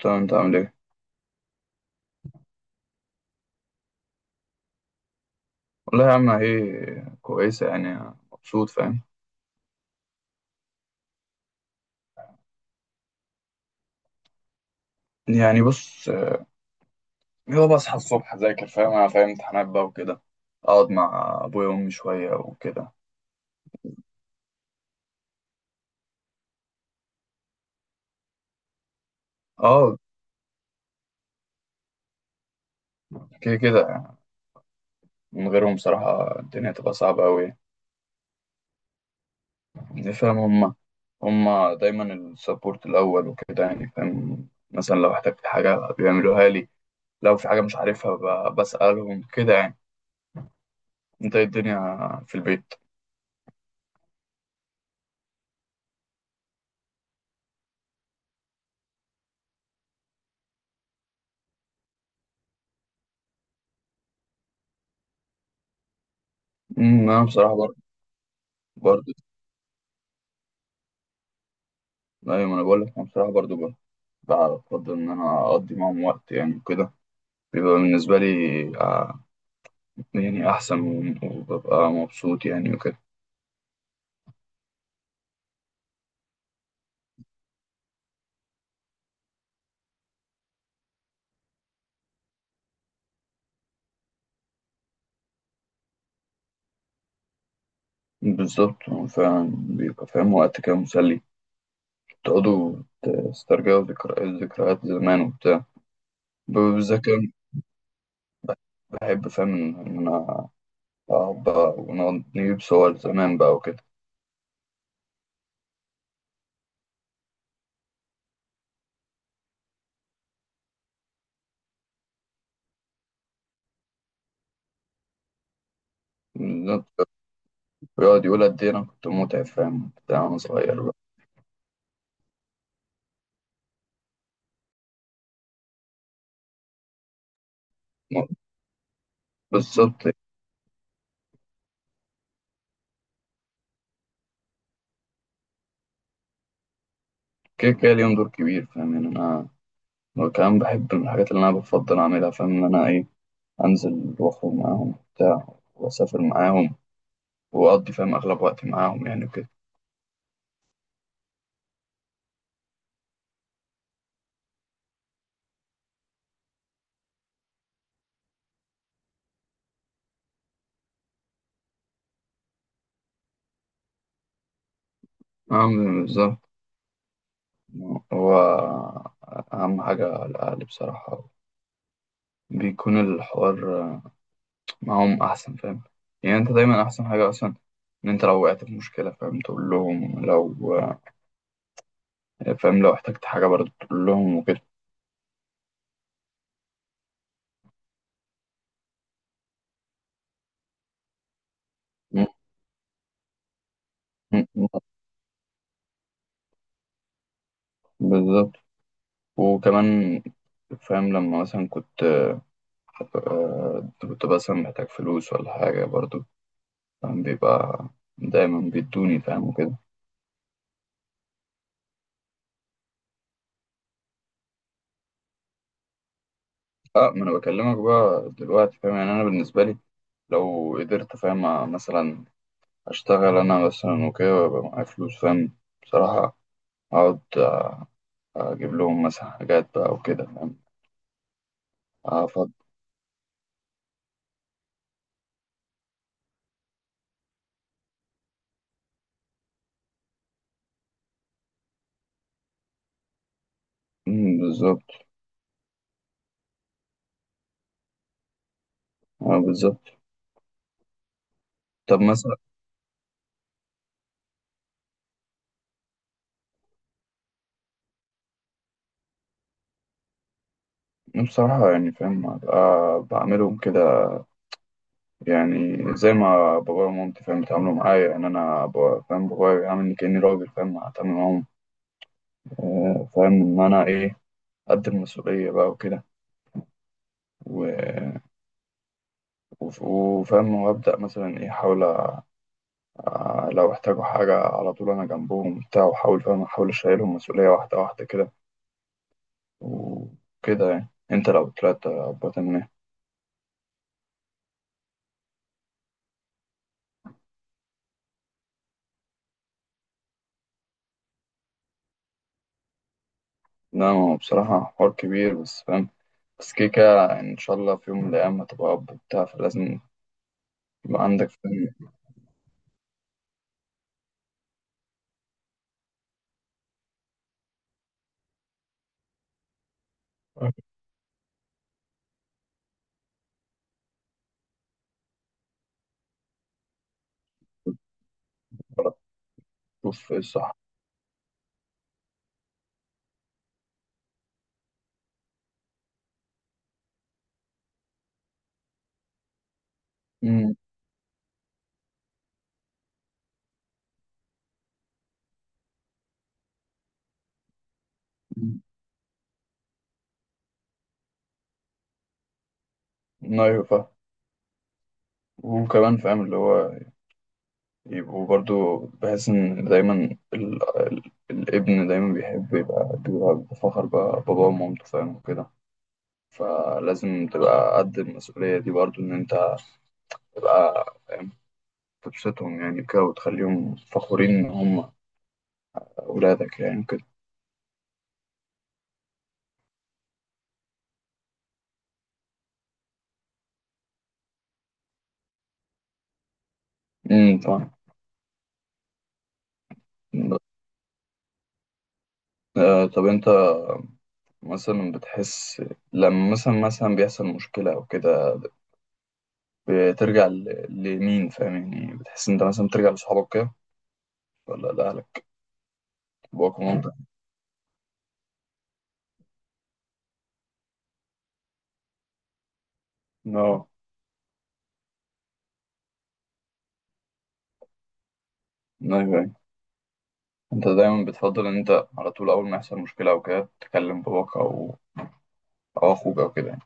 تمام، انت عامل ايه؟ والله يا عم ايه كويسه، يعني مبسوط، فاهم. يعني بص. هو بصحى الصبح، اذاكر، فاهم انا، فاهم امتحانات بقى وكده. اقعد مع ابويا وامي شويه وكده. اه، كده كده يعني. من غيرهم بصراحه الدنيا تبقى صعبه قوي. يعني فاهم، هما دايما السبورت الاول وكده. يعني فاهم مثلا لو احتجت حاجه بيعملوها لي، لو في حاجه مش عارفها، بسالهم كده يعني. انت ايه الدنيا في البيت؟ انا بصراحه برضه. ايوه، ما انا بقول لك، انا بصراحه برضه، بقى أفضل إن أنا أقضي معاهم وقت، يعني وكده. بيبقى بالنسبة لي آه، يعني أحسن، وببقى مبسوط يعني وكده. بالظبط، هو فعلا بيبقى فاهم، وقت كده مسلي. تقعدوا تسترجعوا ذكريات، ذكريات زمان وبتاع. بالذات كمان بحب، فاهم، إن أنا أقعد بقى، ونقعد نجيب صور زمان بقى وكده. بالظبط. بيقعد يقول قد إيه أنا كنت متعب، فاهم بتاع، وأنا صغير بقى. بالظبط، كده كده ليهم دور كبير، فاهم. يعني أنا، وكمان بحب من الحاجات اللي أنا بفضل أعملها، فاهم، إن أنا إيه، أنزل وأخرج معاهم بتاع، وأسافر معاهم، وأقضي فاهم أغلب وقتي معاهم يعني وكده. أعمل بالظبط. هو أهم حاجة على الأهل، بصراحة، بيكون الحوار معاهم أحسن، فاهم. يعني أنت دايما أحسن حاجة أصلا إن أنت لو وقعت في مشكلة، فاهم، تقول لهم. لو فاهم، لو احتجت حاجة برضه تقول لهم وكده. م- م- م- بالظبط. وكمان فاهم، لما مثلا كنت مثلا محتاج فلوس ولا حاجة، برضو فاهم بيبقى دايما بيدوني، فاهم وكده. اه، ما انا بكلمك بقى دلوقتي، فاهم. يعني انا بالنسبة لي، لو قدرت فاهم مثلا اشتغل انا مثلا وكده ويبقى معايا فلوس، فاهم بصراحة، اقعد اجيب لهم مثلا حاجات بقى وكده، فاهم افضل. بالظبط. اه، بالظبط. طب مثلا. بصراحة يعني فاهم هبقى بعملهم كده، يعني زي ما بابايا ومامتي فاهم بيتعاملوا معايا ان انا، فاهم بابايا بيعاملني كاني راجل، فاهم هتعامل معاهم. فاهم ان انا ايه، قد المسؤوليه بقى وكده. و- وفاهم، وابدا مثلا ايه، احاول لو احتاجوا حاجه على طول انا جنبهم وبتاع، واحاول فاهم احاول اشيلهم مسؤوليه، واحده واحده كده وكده يعني. انت لو طلعت ابويا تعمل ايه؟ لا، ما هو بصراحه حوار كبير بس، فاهم. بس كده كده ان شاء الله في يوم من الايام هتبقى اب وبتاع، فلازم يبقى عندك، فاهم. شوف ايه الصح. امم. أمم. ايوه، فاهم. وكمان فاهم، اللي هو يبقوا برضو، بحس ان دايما الابن دايما بيحب بيبقى بفخر بقى باباه ومامته، فاهم وكده. فلازم تبقى قد المسؤولية دي، برضو ان انت تبقى فاهم، تبسطهم يعني كده، وتخليهم فخورين ان هم اولادك يعني كده. امم، طبعا. آه، طب انت مثلا بتحس، لما مثلا بيحصل مشكلة او كده، بترجع لمين، فاهم يعني؟ بتحس إن أنت مثلا بترجع لصحابك كده، ولا لأهلك، أبوك ومامتك؟ اه. أيوه، أيوه. أنت دايما بتفضل إن أنت على طول أول ما يحصل مشكلة أو كده تكلم باباك، أو أخوك أو كده يعني.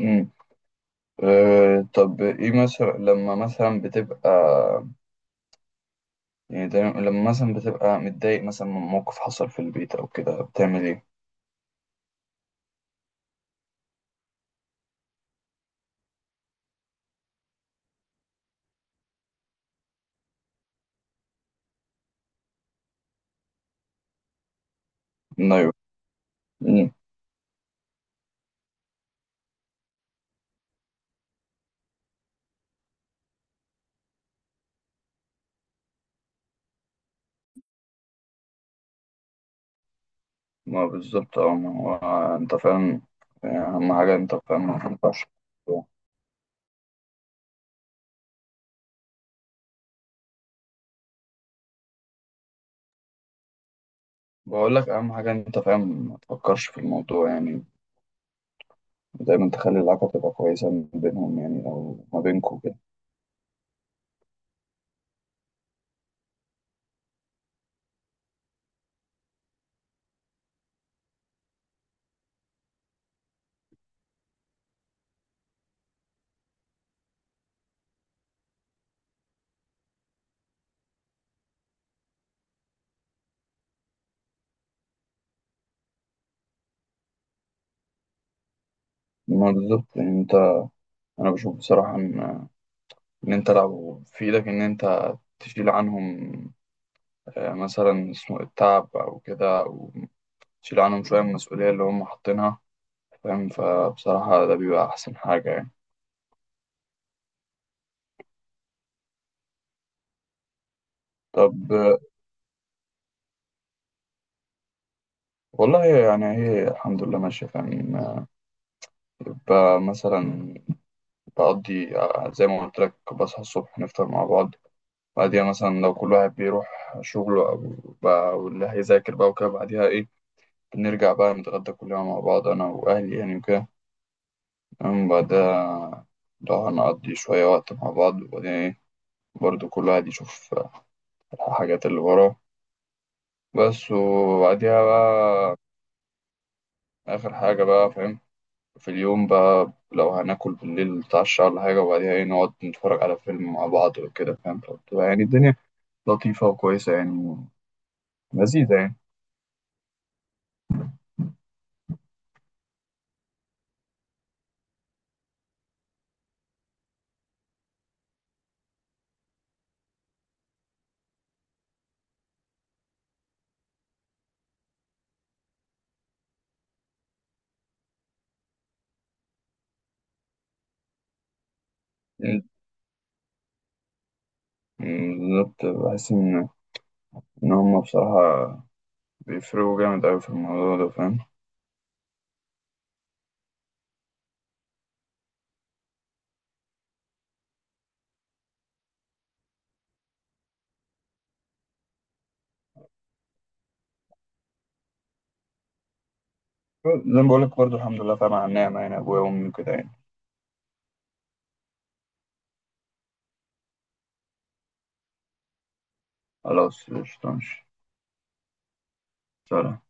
أمم. أه، طب إيه مثلا لما مثلا بتبقى، يعني دايما لما مثلا بتبقى متضايق مثلا من موقف حصل في البيت أو كده، بتعمل إيه؟ أيوه. أمم. ما بالظبط. ما هو أنت فاهم، يعني أهم حاجة أنت فاهم ما ينفعش. بقول لك اهم حاجه إن انت فاهم ما تفكرش في الموضوع، يعني دايما تخلي العلاقه تبقى كويسه ما بينهم، يعني او ما بينكم كده. ما بالظبط، يعني انت، انا بشوف بصراحه ان انت لو في ايدك ان انت تشيل عنهم مثلا اسمه التعب او كده، او تشيل عنهم شويه من المسؤوليه اللي هم حاطينها، فاهم، فبصراحه ده بيبقى احسن حاجه يعني. طب والله يعني هي الحمد لله ماشيه، فاهم. يبقى مثلا بقضي، زي ما قلت لك، بصحى الصبح نفطر مع بعض. بعديها مثلا لو كل واحد بيروح شغله، أو بقى واللي هيذاكر بقى وكده، بعديها إيه، بنرجع بقى نتغدى كلنا مع بعض أنا وأهلي يعني وكده. تمام، بعدها لو هنقضي شوية وقت مع بعض، وبعدين إيه، برضه كل واحد يشوف الحاجات اللي وراه بس، وبعديها بقى آخر حاجة بقى، فاهم، في اليوم بقى لو هناكل بالليل نتعشى ولا حاجة، وبعديها إيه، نقعد نتفرج على فيلم مع بعض وكده، فاهم. فبتبقى يعني الدنيا لطيفة وكويسة، يعني لذيذة يعني. مم، بالظبط، بحس إن هما بصراحة بيفرقوا جامد أوي في الموضوع ده، فاهم. زي ما بقولك، برضه الحمد لله طبعا على النعمة، يعني أبويا وأمي وكده يعني. خلاص، قشطة، ماشي. سلام.